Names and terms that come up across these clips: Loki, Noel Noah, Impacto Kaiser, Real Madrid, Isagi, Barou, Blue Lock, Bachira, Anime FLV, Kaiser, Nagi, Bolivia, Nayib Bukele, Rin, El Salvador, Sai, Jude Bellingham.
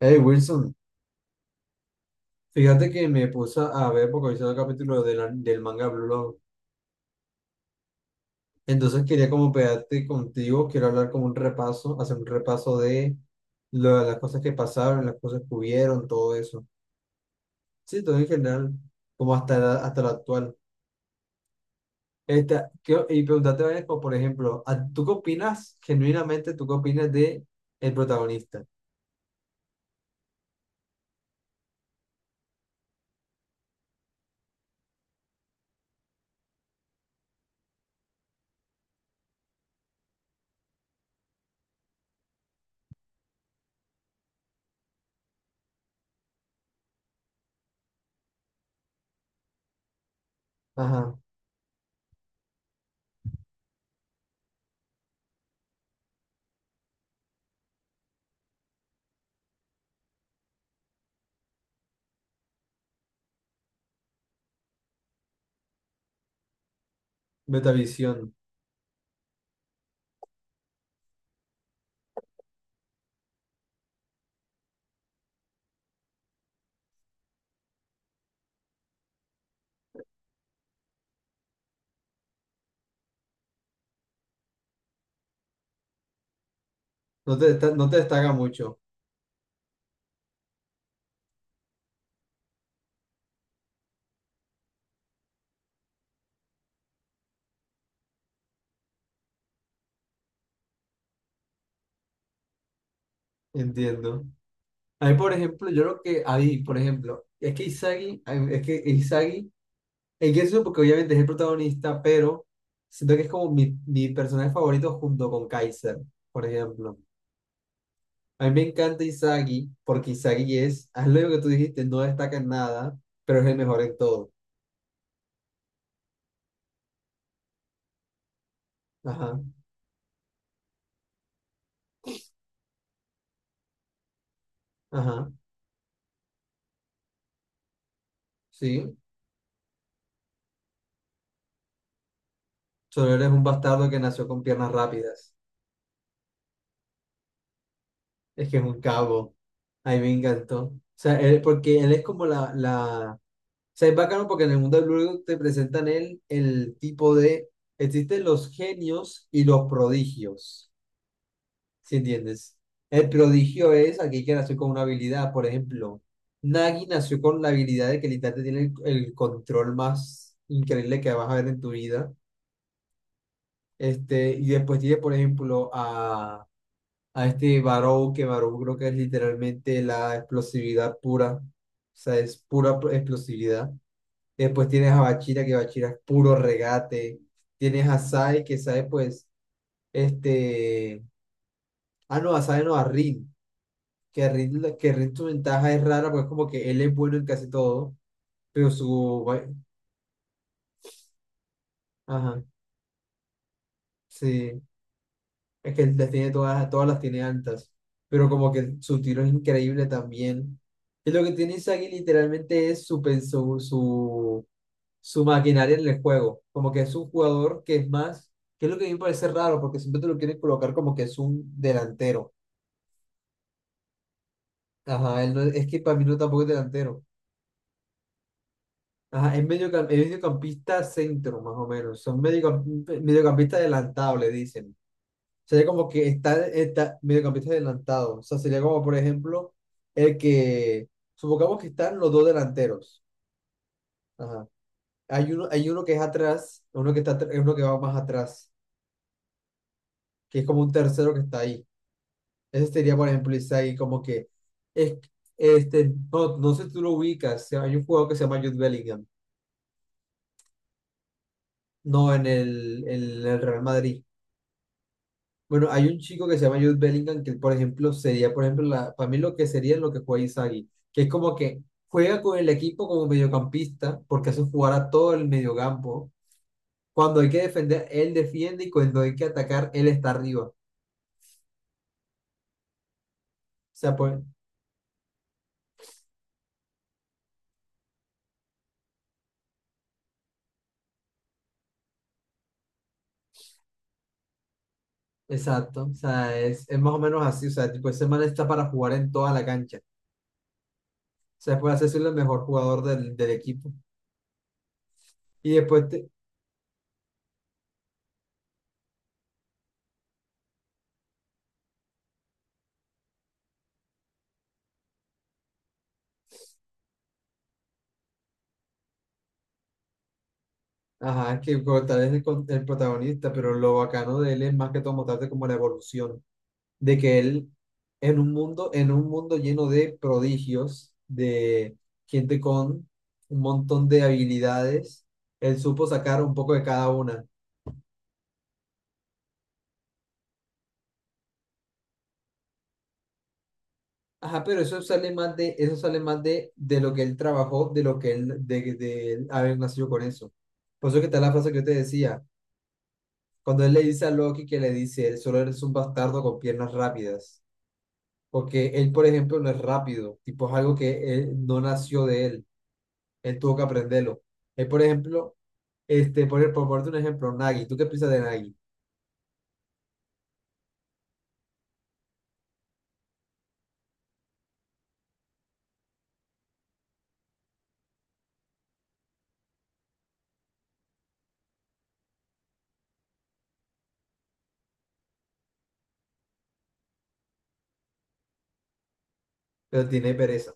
Hey Wilson, fíjate que me puse a ver porque hice el capítulo del manga Blue Lock. Entonces quería como pegarte contigo, quiero hablar como un repaso, hacer un repaso de las cosas que pasaron, las cosas que hubieron, todo eso. Sí, todo en general, como hasta la actual. ¿Qué- y preguntarte varias cosas? Por ejemplo, ¿a- tú qué opinas, genuinamente? ¿Tú qué opinas de el protagonista? Ajá. Metavisión. No te destaca mucho, entiendo. A mí, por ejemplo, yo lo que ahí, por ejemplo, es que Isagi, en eso porque obviamente es el protagonista, pero siento que es como mi personaje favorito junto con Kaiser, por ejemplo. A mí me encanta Isagi porque Isagi es, haz lo que tú dijiste, no destaca en nada, pero es el mejor en todo. Ajá, ajá, sí. Solo eres un bastardo que nació con piernas rápidas. Es que es un cabo. A mí me encantó. O sea, porque él es como la sea, es bacano porque en el mundo del Blue te presentan el tipo de... Existen los genios y los prodigios, ¿sí entiendes? El prodigio es aquel que nació con una habilidad. Por ejemplo, Nagi nació con la habilidad de que literalmente tiene el control más increíble que vas a ver en tu vida. Y después tiene, por ejemplo, a este Barou, que Barou creo que es literalmente la explosividad pura. O sea, es explosividad. Después tienes a Bachira, que Bachira es puro regate. Tienes a Sai, que Sai, pues, este. Ah, no, a Sai no, a Rin. Que Rin su ventaja es rara, pues, como que él es bueno en casi todo, pero su. va- Ajá, sí. Es que él las tiene todas, todas las tiene altas. Pero como que su tiro es increíble también. Y lo que tiene Isagi literalmente es su, pen- su, su su maquinaria en el juego. Como que es un jugador que es más, que es lo que a mí me parece raro, porque siempre te lo quieren colocar como que es un delantero. Ajá, él es que para mí no tampoco es delantero. Ajá, es mediocampista centro, más o menos. Mediocampista adelantado, le dicen. Sería como que está mediocampista adelantado. O sea, sería como, por ejemplo, el que, supongamos que están los dos delanteros. Ajá. Hay uno que es atrás, uno que va más atrás, que es como un tercero que está ahí. Ese sería, por ejemplo, Isagi, como que, es, no, no sé si tú lo ubicas, hay un jugador que se llama Jude Bellingham, no en en el Real Madrid. Bueno, hay un chico que se llama Jude Bellingham que, por ejemplo, sería, por ejemplo, para mí lo que sería lo que juega Isagi, que es como que juega con el equipo como mediocampista, porque hace jugar a todo el mediocampo. Cuando hay que defender, él defiende, y cuando hay que atacar, él está arriba. O sea, pues, exacto, o sea, es más o menos así, o sea, tipo, ese man está para jugar en toda la cancha. Sea, puede hacerse el mejor jugador del equipo. Y después, ajá, es que como tal vez el protagonista, pero lo bacano de él es más que todo mostrarte como la evolución, de que él en un mundo lleno de prodigios, de gente con un montón de habilidades, él supo sacar un poco de cada una. Ajá, pero eso sale más de, eso sale más de lo que él trabajó, de lo que él, de él haber nacido con eso. Por eso que está la frase que yo te decía. Cuando él le dice a Loki que le dice, él solo eres un bastardo con piernas rápidas. Porque él, por ejemplo, no es rápido. Tipo, es algo que él no nació de él. Él tuvo que aprenderlo. Él, por ejemplo, por ponerte un ejemplo, Nagi. ¿Tú qué piensas de Nagi? Pero tiene pereza.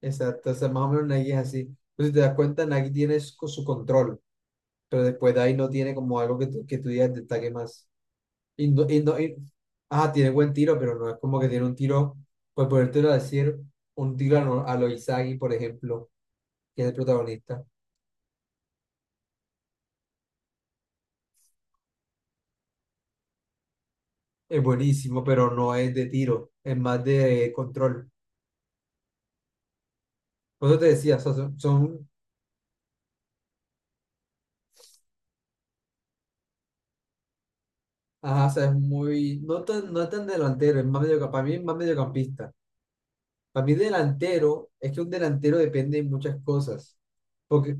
Exacto. O sea, más o menos Nagi es así. Entonces, si te das cuenta, Nagi tiene su control. Pero después de ahí no tiene como algo que que tú digas destaque más. Indo indo y no- ah, Tiene buen tiro, pero no es como que tiene un tiro, pues podértelo decir, un tiro a lo Izagi, por ejemplo, que es el protagonista. Es buenísimo, pero no es de tiro, es más de control. Por eso te decía, o sea, ajá, o sea, no es tan delantero, es más medio, para mí es más mediocampista. Para mí delantero, es que un delantero depende de muchas cosas. Porque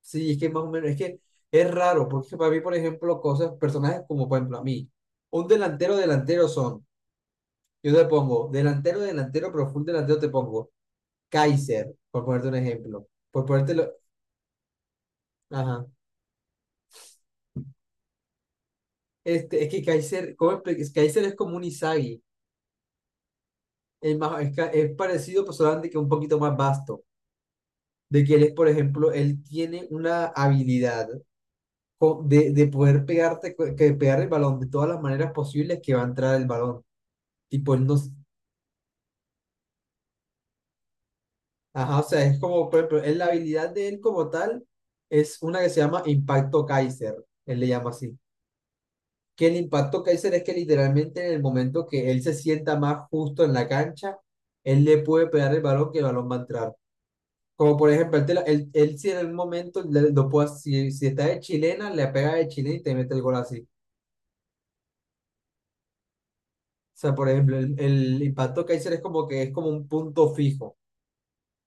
sí, es que más o menos, es que es raro, porque para mí, por ejemplo, cosas, personajes como, por ejemplo, a mí, un delantero, delantero son, yo te pongo, delantero, delantero, pero full delantero te pongo Kaiser, por ponerte un ejemplo, por ponértelo, ajá, es que Kaiser, ¿cómo Kaiser es como un Izagi es, es parecido, pero solamente que un poquito más vasto, de que él es, por ejemplo, él tiene una habilidad de poder pegarte, que pegar el balón de todas las maneras posibles que va a entrar el balón. Tipo, él no, ajá, o sea, es como, por ejemplo, es la habilidad de él como tal es una que se llama Impacto Kaiser, él le llama así. Que el Impacto Kaiser es que literalmente en el momento que él se sienta más justo en la cancha, él le puede pegar el balón que el balón va a entrar. Como por ejemplo, él, te la- él si en el momento, si está de chilena, le pega de chilena y te mete el gol así. O sea, por ejemplo, el Impacto Kaiser es como que es como un punto fijo.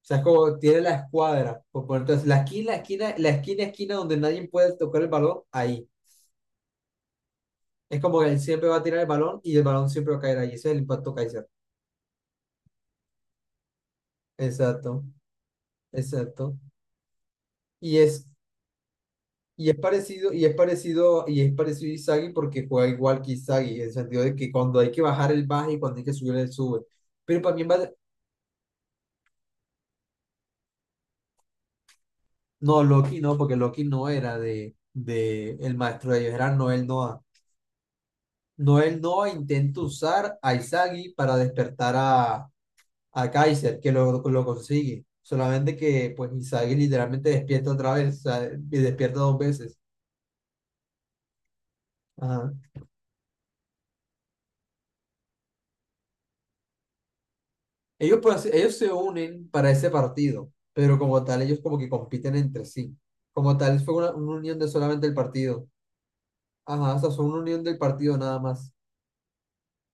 O sea, es como tiene la escuadra. Entonces, la esquina, esquina donde nadie puede tocar el balón, ahí. Es como que él siempre va a tirar el balón y el balón siempre va a caer ahí. Ese es el Impacto Kaiser. Exacto, exacto. Y es, y es parecido, y es parecido, y es parecido a Isagi porque juega igual que Isagi, en el sentido de que cuando hay que bajar, él baja y cuando hay que subir, él sube. Pero para mí, va- no, Loki no, porque Loki no era de el maestro de ellos, era Noel Noah. Noel Noah intenta usar a Izagi para despertar a, Kaiser, que lo consigue. Solamente que pues Izagi literalmente despierta otra vez, o sea, y despierta dos veces. Ajá. Ellos, pues, ellos se unen para ese partido, pero como tal ellos como que compiten entre sí. Como tal fue una unión de solamente el partido. Ajá, o sea, fue una unión del partido nada más.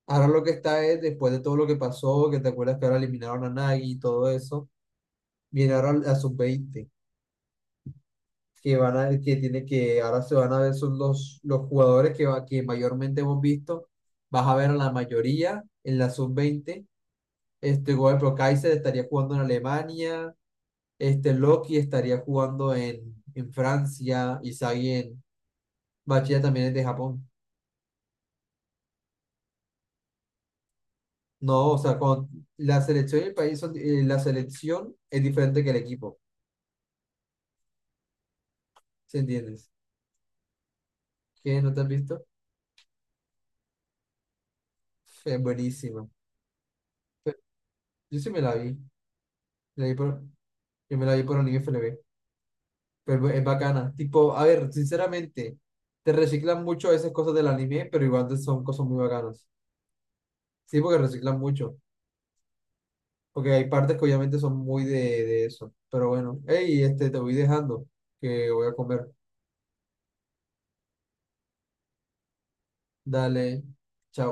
Ahora lo que está es, después de todo lo que pasó, que te acuerdas que ahora eliminaron a Nagi y todo eso, viene ahora la sub-20 que tiene que ahora se van a ver son los jugadores que mayormente hemos visto. Vas a ver a la mayoría en la sub-20. Por ejemplo, Kaiser estaría jugando en Alemania, Loki estaría jugando en, Francia, Isagi en. Bachilla también es de Japón. No, o sea, con la selección y el país la selección es diferente que el equipo, ¿sí entiendes? ¿Qué? ¿No te has visto? Es buenísima. Yo sí me la vi. La vi por, yo me la vi por Anime FLV. Pero es bacana. Tipo, a ver, sinceramente, te reciclan mucho esas cosas del anime, pero igual son cosas muy bacanas. Sí, porque reciclan mucho. Porque hay partes que obviamente son muy de eso. Pero bueno, hey, te voy dejando, que voy a comer. Dale, chao.